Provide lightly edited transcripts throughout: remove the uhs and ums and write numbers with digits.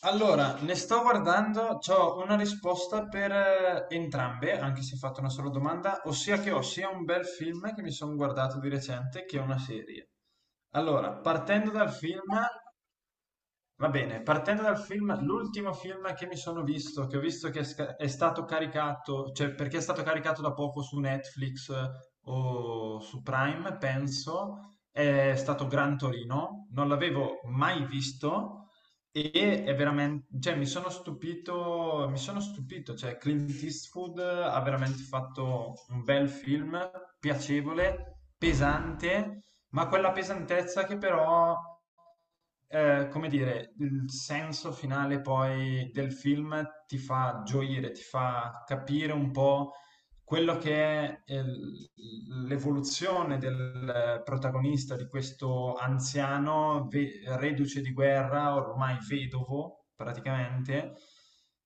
Allora, ne sto guardando, ho una risposta per entrambe, anche se ho fatto una sola domanda, ossia che ho sia un bel film che mi sono guardato di recente che una serie. Allora, partendo dal film. Va bene, partendo dal film, l'ultimo film che mi sono visto, che ho visto che è, è stato caricato, cioè perché è stato caricato da poco su Netflix o su Prime, penso, è stato Gran Torino. Non l'avevo mai visto e è veramente, cioè mi sono stupito, cioè Clint Eastwood ha veramente fatto un bel film, piacevole, pesante, ma quella pesantezza che però, come dire, il senso finale poi del film ti fa gioire, ti fa capire un po' quello che è l'evoluzione del protagonista, di questo anziano reduce di guerra, ormai vedovo praticamente,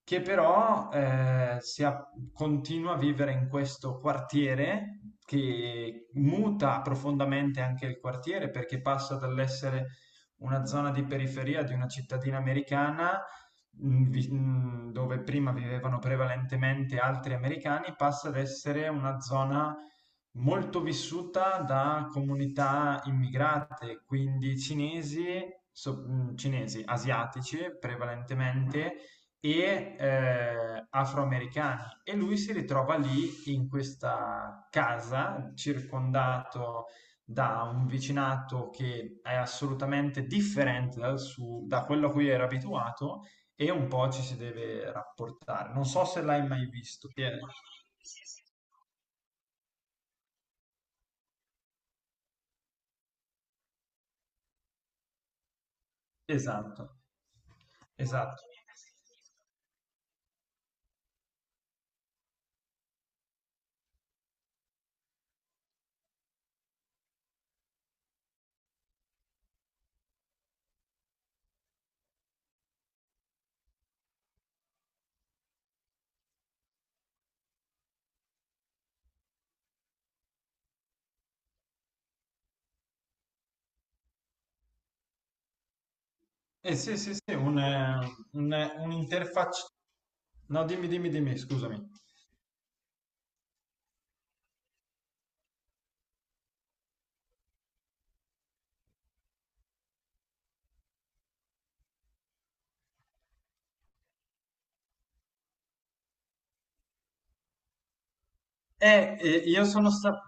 che però continua a vivere in questo quartiere, che muta profondamente anche il quartiere, perché passa dall'essere una zona di periferia di una cittadina americana, dove prima vivevano prevalentemente altri americani, passa ad essere una zona molto vissuta da comunità immigrate, quindi cinesi, cinesi, asiatici prevalentemente e afroamericani. E lui si ritrova lì in questa casa, circondato da un vicinato che è assolutamente differente dal suo, da quello a cui era abituato, e un po' ci si deve rapportare. Non so se l'hai mai visto. Esatto, esatto. Eh sì, sì, sì, un, un'interfaccia. No, dimmi, scusami. Io sono stato...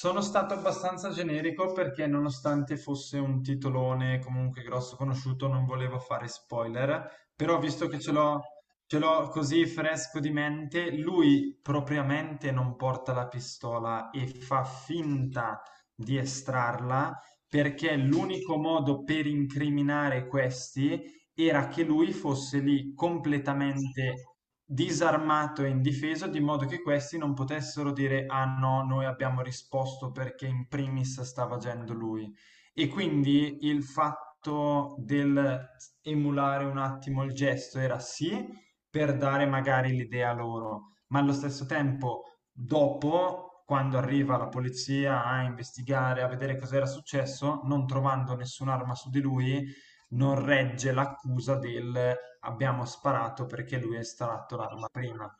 Sono stato abbastanza generico perché, nonostante fosse un titolone comunque grosso, conosciuto, non volevo fare spoiler, però visto che ce l'ho così fresco di mente, lui propriamente non porta la pistola e fa finta di estrarla, perché l'unico modo per incriminare questi era che lui fosse lì completamente disarmato e indifeso, di modo che questi non potessero dire: "Ah no, noi abbiamo risposto perché in primis stava agendo lui". E quindi il fatto del emulare un attimo il gesto era sì, per dare magari l'idea loro, ma allo stesso tempo, dopo, quando arriva la polizia a investigare, a vedere cos'era successo, non trovando nessun'arma su di lui, non regge l'accusa del abbiamo sparato perché lui ha estratto l'arma prima.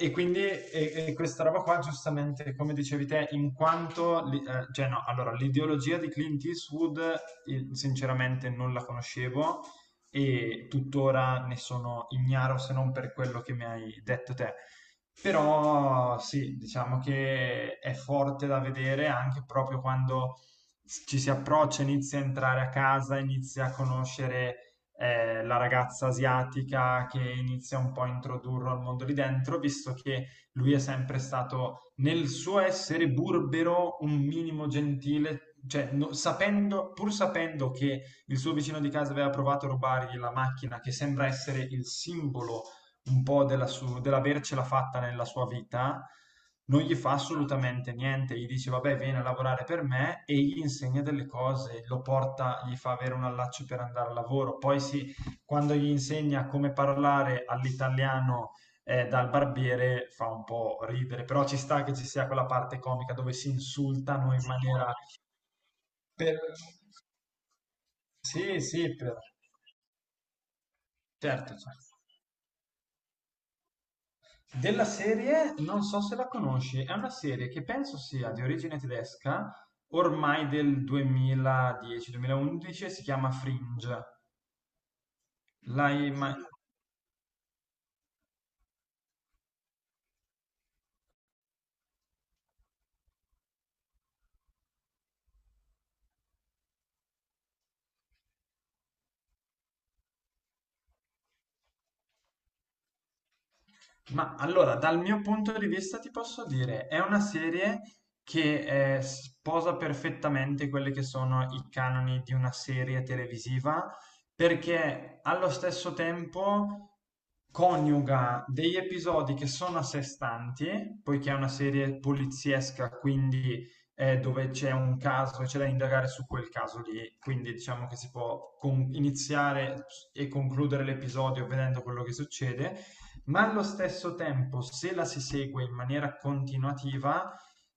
E quindi e questa roba qua, giustamente, come dicevi te, in quanto, cioè no, allora, l'ideologia di Clint Eastwood, sinceramente non la conoscevo e tuttora ne sono ignaro, se non per quello che mi hai detto te. Però sì, diciamo che è forte da vedere anche proprio quando ci si approccia, inizia a entrare a casa, inizia a conoscere la ragazza asiatica, che inizia un po' a introdurlo al mondo lì dentro, visto che lui è sempre stato nel suo essere burbero, un minimo gentile, cioè sapendo, pur sapendo che il suo vicino di casa aveva provato a rubargli la macchina, che sembra essere il simbolo un po' della su dell'avercela fatta nella sua vita, non gli fa assolutamente niente, gli dice: "Vabbè, vieni a lavorare per me", e gli insegna delle cose, lo porta, gli fa avere un allaccio per andare al lavoro. Poi sì, quando gli insegna come parlare all'italiano, dal barbiere fa un po' ridere, però ci sta che ci sia quella parte comica dove si insultano in maniera. Per Sì, sì, per certo, cer della serie non so se la conosci, è una serie che penso sia di origine tedesca, ormai del 2010-2011, si chiama Fringe. L'hai mai... Ma allora, dal mio punto di vista ti posso dire, è una serie che sposa perfettamente quelli che sono i canoni di una serie televisiva, perché allo stesso tempo coniuga degli episodi che sono a sé stanti, poiché è una serie poliziesca, quindi dove c'è un caso e c'è da indagare su quel caso lì, quindi diciamo che si può iniziare e concludere l'episodio vedendo quello che succede, ma allo stesso tempo, se la si segue in maniera continuativa,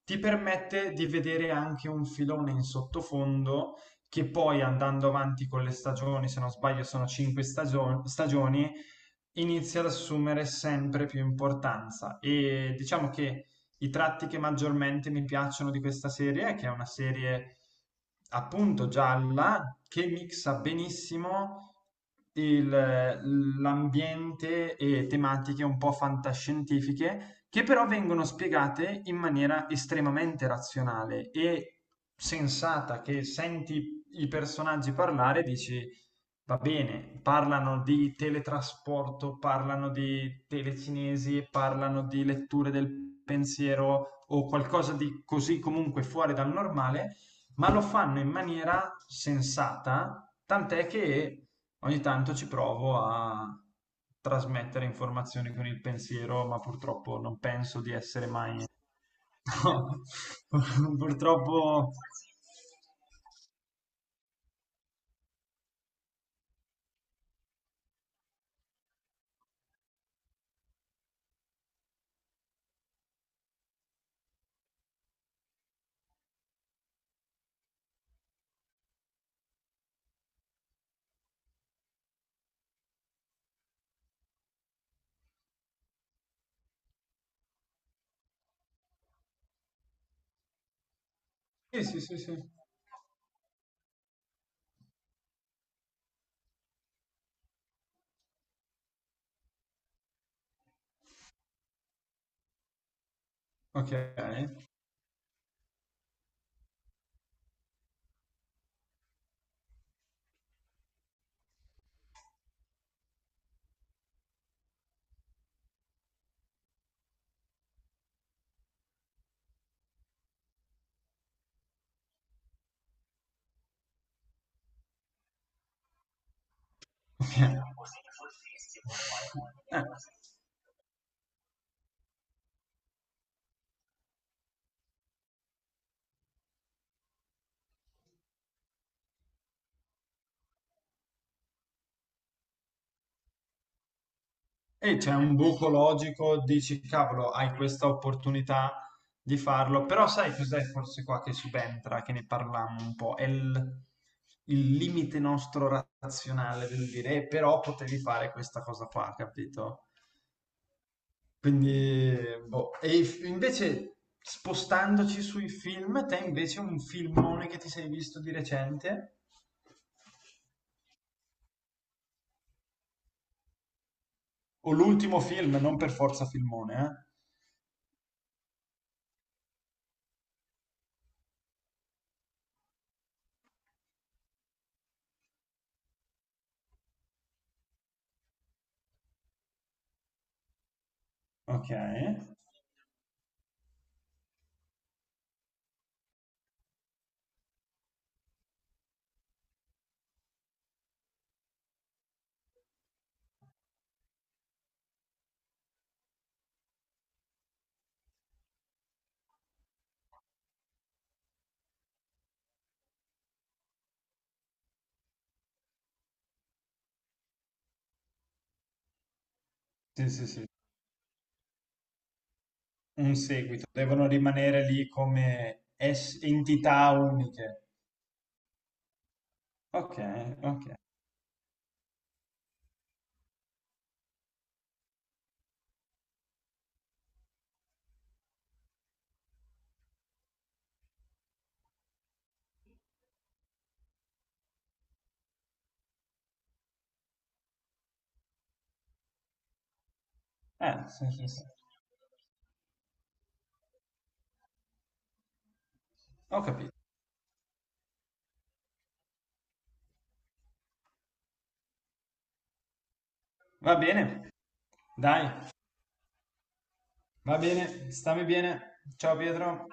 ti permette di vedere anche un filone in sottofondo, che poi andando avanti con le stagioni, se non sbaglio sono cinque stagioni, inizia ad assumere sempre più importanza. E diciamo che i tratti che maggiormente mi piacciono di questa serie è che è una serie appunto gialla, che mixa benissimo il- l'ambiente e tematiche un po' fantascientifiche, che però vengono spiegate in maniera estremamente razionale e sensata, che senti i personaggi parlare e dici: "Va bene, parlano di teletrasporto, parlano di telecinesi, parlano di letture del pensiero o qualcosa di così comunque fuori dal normale, ma lo fanno in maniera sensata", tant'è che ogni tanto ci provo a trasmettere informazioni con il pensiero, ma purtroppo non penso di essere mai... No, purtroppo... Sì, sì, sì, sì. Ok. Eh, e c'è un buco logico, dici cavolo, hai questa opportunità di farlo, però sai cos'è forse qua che subentra, che ne parlammo un po', è il limite nostro razionale del dire: però potevi fare questa cosa qua, capito?" Quindi, boh. Invece spostandoci sui film, te invece un filmone che ti sei visto di recente? O l'ultimo film, non per forza filmone, eh? Ok, sì, sì, sì, un seguito, devono rimanere lì come entità uniche. Ok, ok, sì, sì, sì. Ho capito. Va bene, dai, va bene, stammi bene. Ciao Pietro.